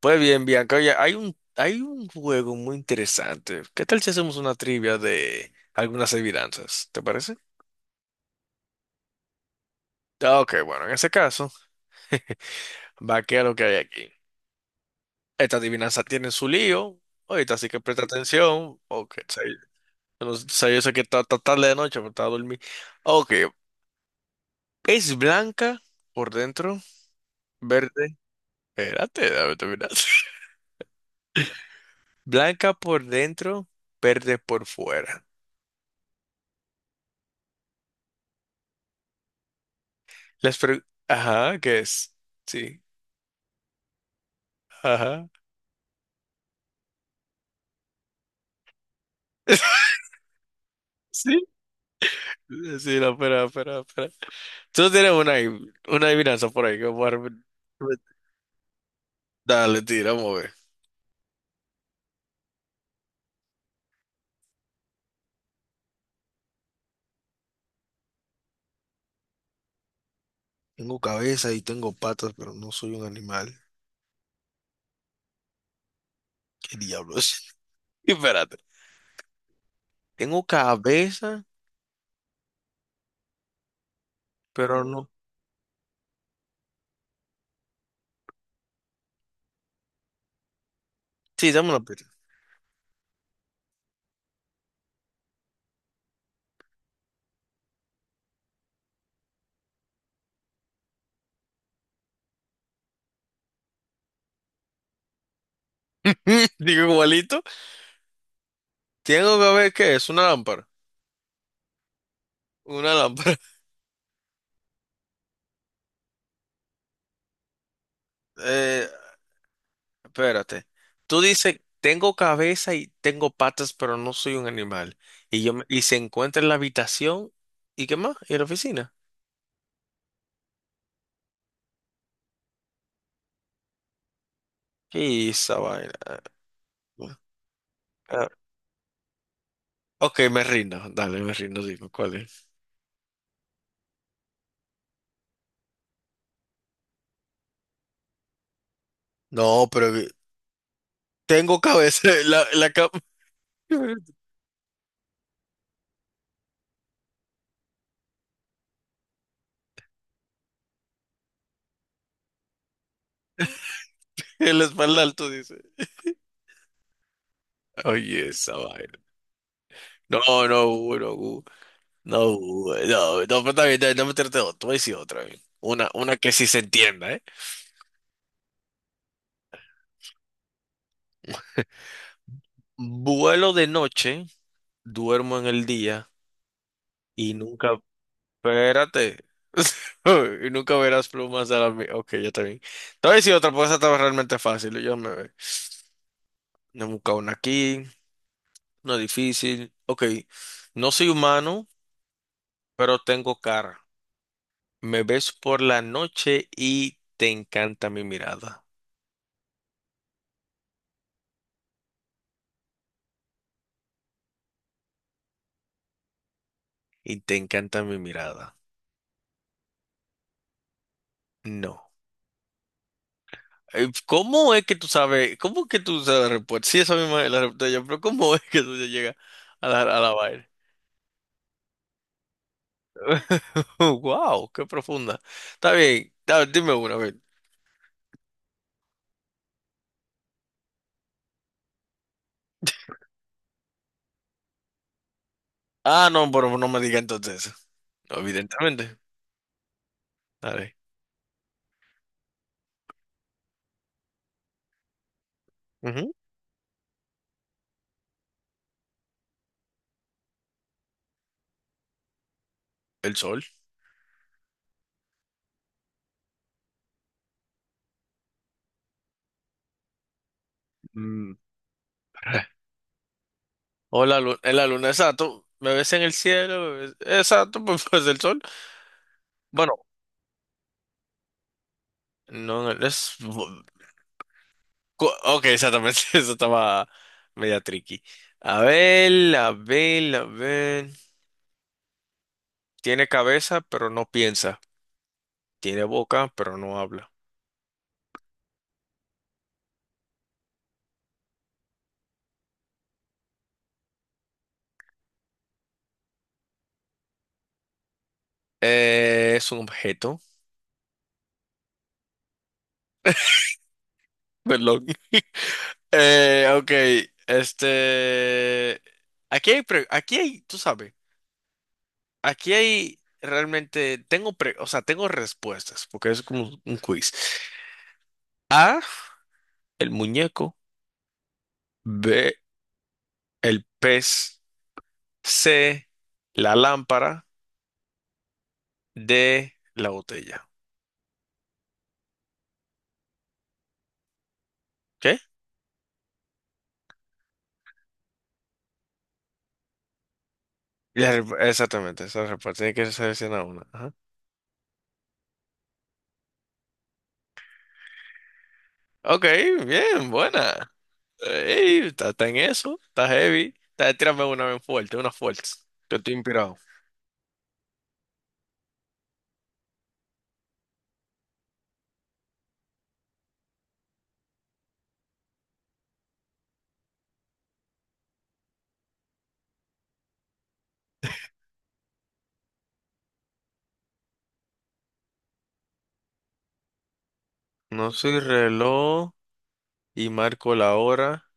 Pues bien, Bianca, oye, hay hay un juego muy interesante. ¿Qué tal si hacemos una trivia de algunas adivinanzas? ¿Te parece? Ah, ok, bueno, en ese caso, va que a lo que hay aquí. Esta adivinanza tiene su lío. Ahorita así que presta atención. Ok, o sea, yo no sé sí, yo sé que está tarde de noche, pero está a dormir. Ok, es blanca por dentro, verde. Espérate, dame terminar. Blanca por dentro, verde por fuera. Las pre- Ajá, ¿qué es? Sí. Ajá. Sí, sí, no, espera, espera, espera. Tú tienes una adivinanza por ahí que voy a repetir. Dale, tira, vamos a ver. Tengo cabeza y tengo patas, pero no soy un animal. ¿Qué diablos? Espérate. Tengo cabeza, pero no. Sí, dame una pista. Digo igualito. Tengo cabeza, ¿qué es? Una lámpara. Una lámpara. Eh, Espérate. Tú dices, tengo cabeza y tengo patas, pero no soy un animal. Y se encuentra en la habitación. ¿Y qué más? ¿Y en la oficina? Y esa vaina. Ah, ah, ok, me rindo. Dale, me rindo. Dime, ¿cuál es? No, pero que- tengo cabeza. La cama. El espalda alto dice. Oye, esa vaina. No, no, Hugo, no, Hugo, no, Hugo, no, no, pero está bien, no me trate de otro, voy a decir otra vez. Una que sí se entienda, ¿eh? Vuelo de noche, duermo en el día y nunca, espérate, y nunca verás plumas a la mía. Ok, ya está bien. Te voy a decir otra, porque esa estaba realmente fácil. Yo me me he buscado una aquí, una difícil. Ok, no soy humano, pero tengo cara. Me ves por la noche y te encanta mi mirada. Y te encanta mi mirada. No. ¿Cómo es que tú sabes? ¿Cómo es que tú sabes la respuesta? Sí, esa misma es la respuesta yo, pero ¿cómo es que tú llegas a a la vaina? Wow, qué profunda. Está bien, dime una, a ver. Ah, no, pero no me diga entonces eso. Evidentemente. Dale. Ujú, el sol. Mm. O la luna, exacto. Me ves en el cielo, me ves- exacto, pues, pues, el sol. Bueno, no, no, es... Ok, exactamente, eso estaba media tricky. A ver, a ver, a ver. Tiene cabeza, pero no piensa. Tiene boca, pero no habla. Es un objeto, perdón. Ok, este... aquí hay, tú sabes, aquí hay realmente, o sea, tengo respuestas, porque es como un quiz. A, el muñeco, B, el pez, C, la lámpara, D, la botella. ¿Qué? Exactamente, esa respuesta tiene que seleccionar una. Ajá. Ok, bien, buena. Ey, está en eso, está heavy. Está, tírame una bien fuerte, una fuerte. Que estoy inspirado. No soy reloj y marco la hora.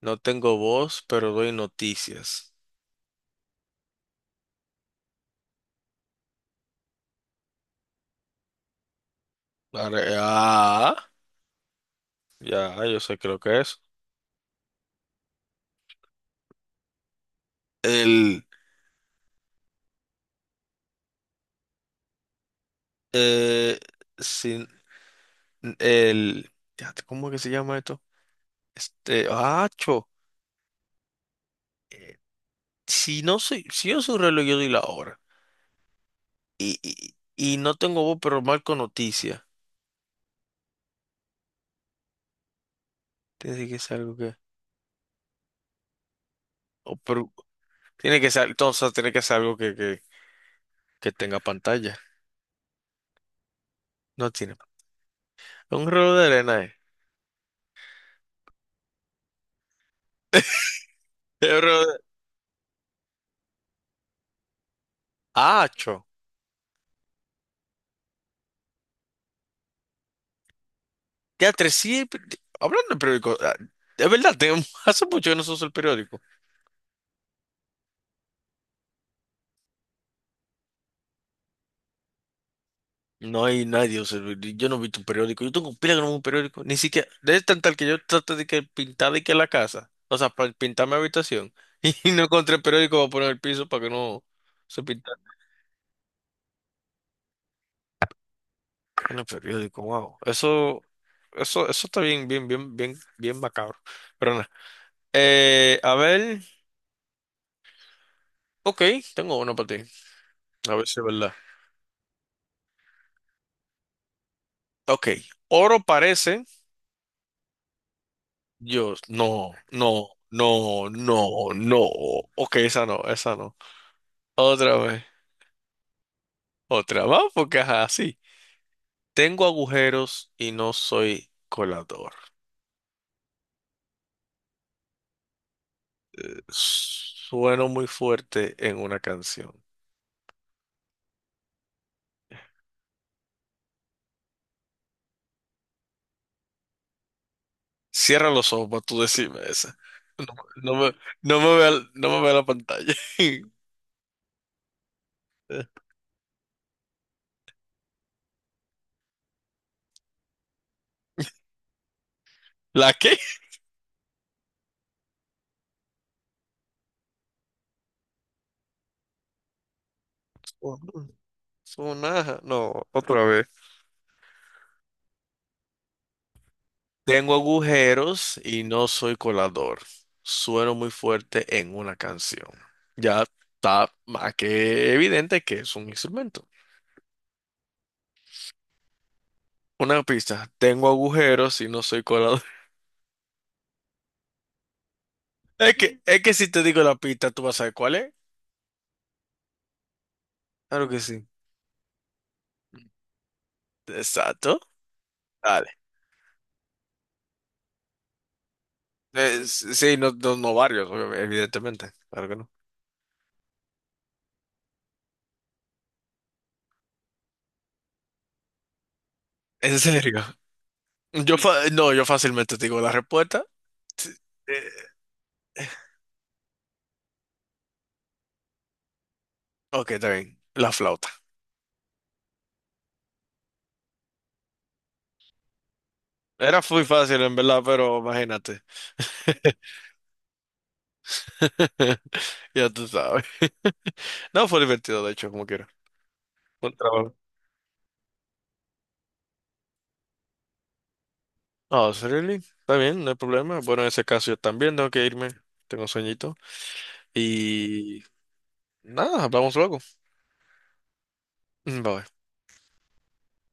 No tengo voz, pero doy noticias. Ah, ya, yo sé, creo que es. El, eh, sin, el, fíjate, ¿cómo que se llama esto? Este, acho, eh, si no soy, si yo soy reloj, yo doy la hora. Y, y, y no tengo voz, pero marco noticias. Tiene que ser algo que, o pero, tiene que ser, entonces tiene que ser algo que tenga pantalla. No tiene. Un reloj de arena, eh. Pero, ah, cho. Teatro, sí. Hablando de periódico, ah, es verdad, tengo. Hace mucho que no se usa el periódico. No hay nadie, o sea, yo no he visto un periódico. Yo tengo pila que no veo un periódico. Ni siquiera, es tan tal que yo traté de que pintar de que la casa, o sea, para pintar mi habitación. Y no encontré el periódico para poner el piso para que no se pintara. En el periódico, wow. Eso está bien, bien, bien, bien, bien macabro. Pero nada. A ver, ok, tengo uno para ti. A ver si es verdad. Ok, oro parece. Yo, no, no, no, no, no. Ok, esa no, esa no. Otra vez, otra más, porque ajá, sí. Tengo agujeros y no soy colador. Sueno muy fuerte en una canción. Cierra los ojos para tú decirme esa. No, no me, no me vea, no me vea la pantalla. ¿La qué? Sonaja. No, otra vez. Tengo agujeros y no soy colador. Sueno muy fuerte en una canción. Ya está más que evidente que es un instrumento. Una pista. Tengo agujeros y no soy colador. Es que si te digo la pista, ¿tú vas a saber cuál es? Claro que sí. Exacto. Dale. Sí, no, no, no varios, evidentemente. Claro que no. En serio. No, yo fácilmente te digo la respuesta. Sí, eh, ok, está bien. La flauta. Era muy fácil, en verdad, pero imagínate. Ya tú sabes. No, fue divertido, de hecho, como quiera. Buen trabajo. Ah, ¿really? Está bien, no hay problema. Bueno, en ese caso yo también tengo que irme. Tengo sueñito. Y nada, hablamos luego. Mm, bye.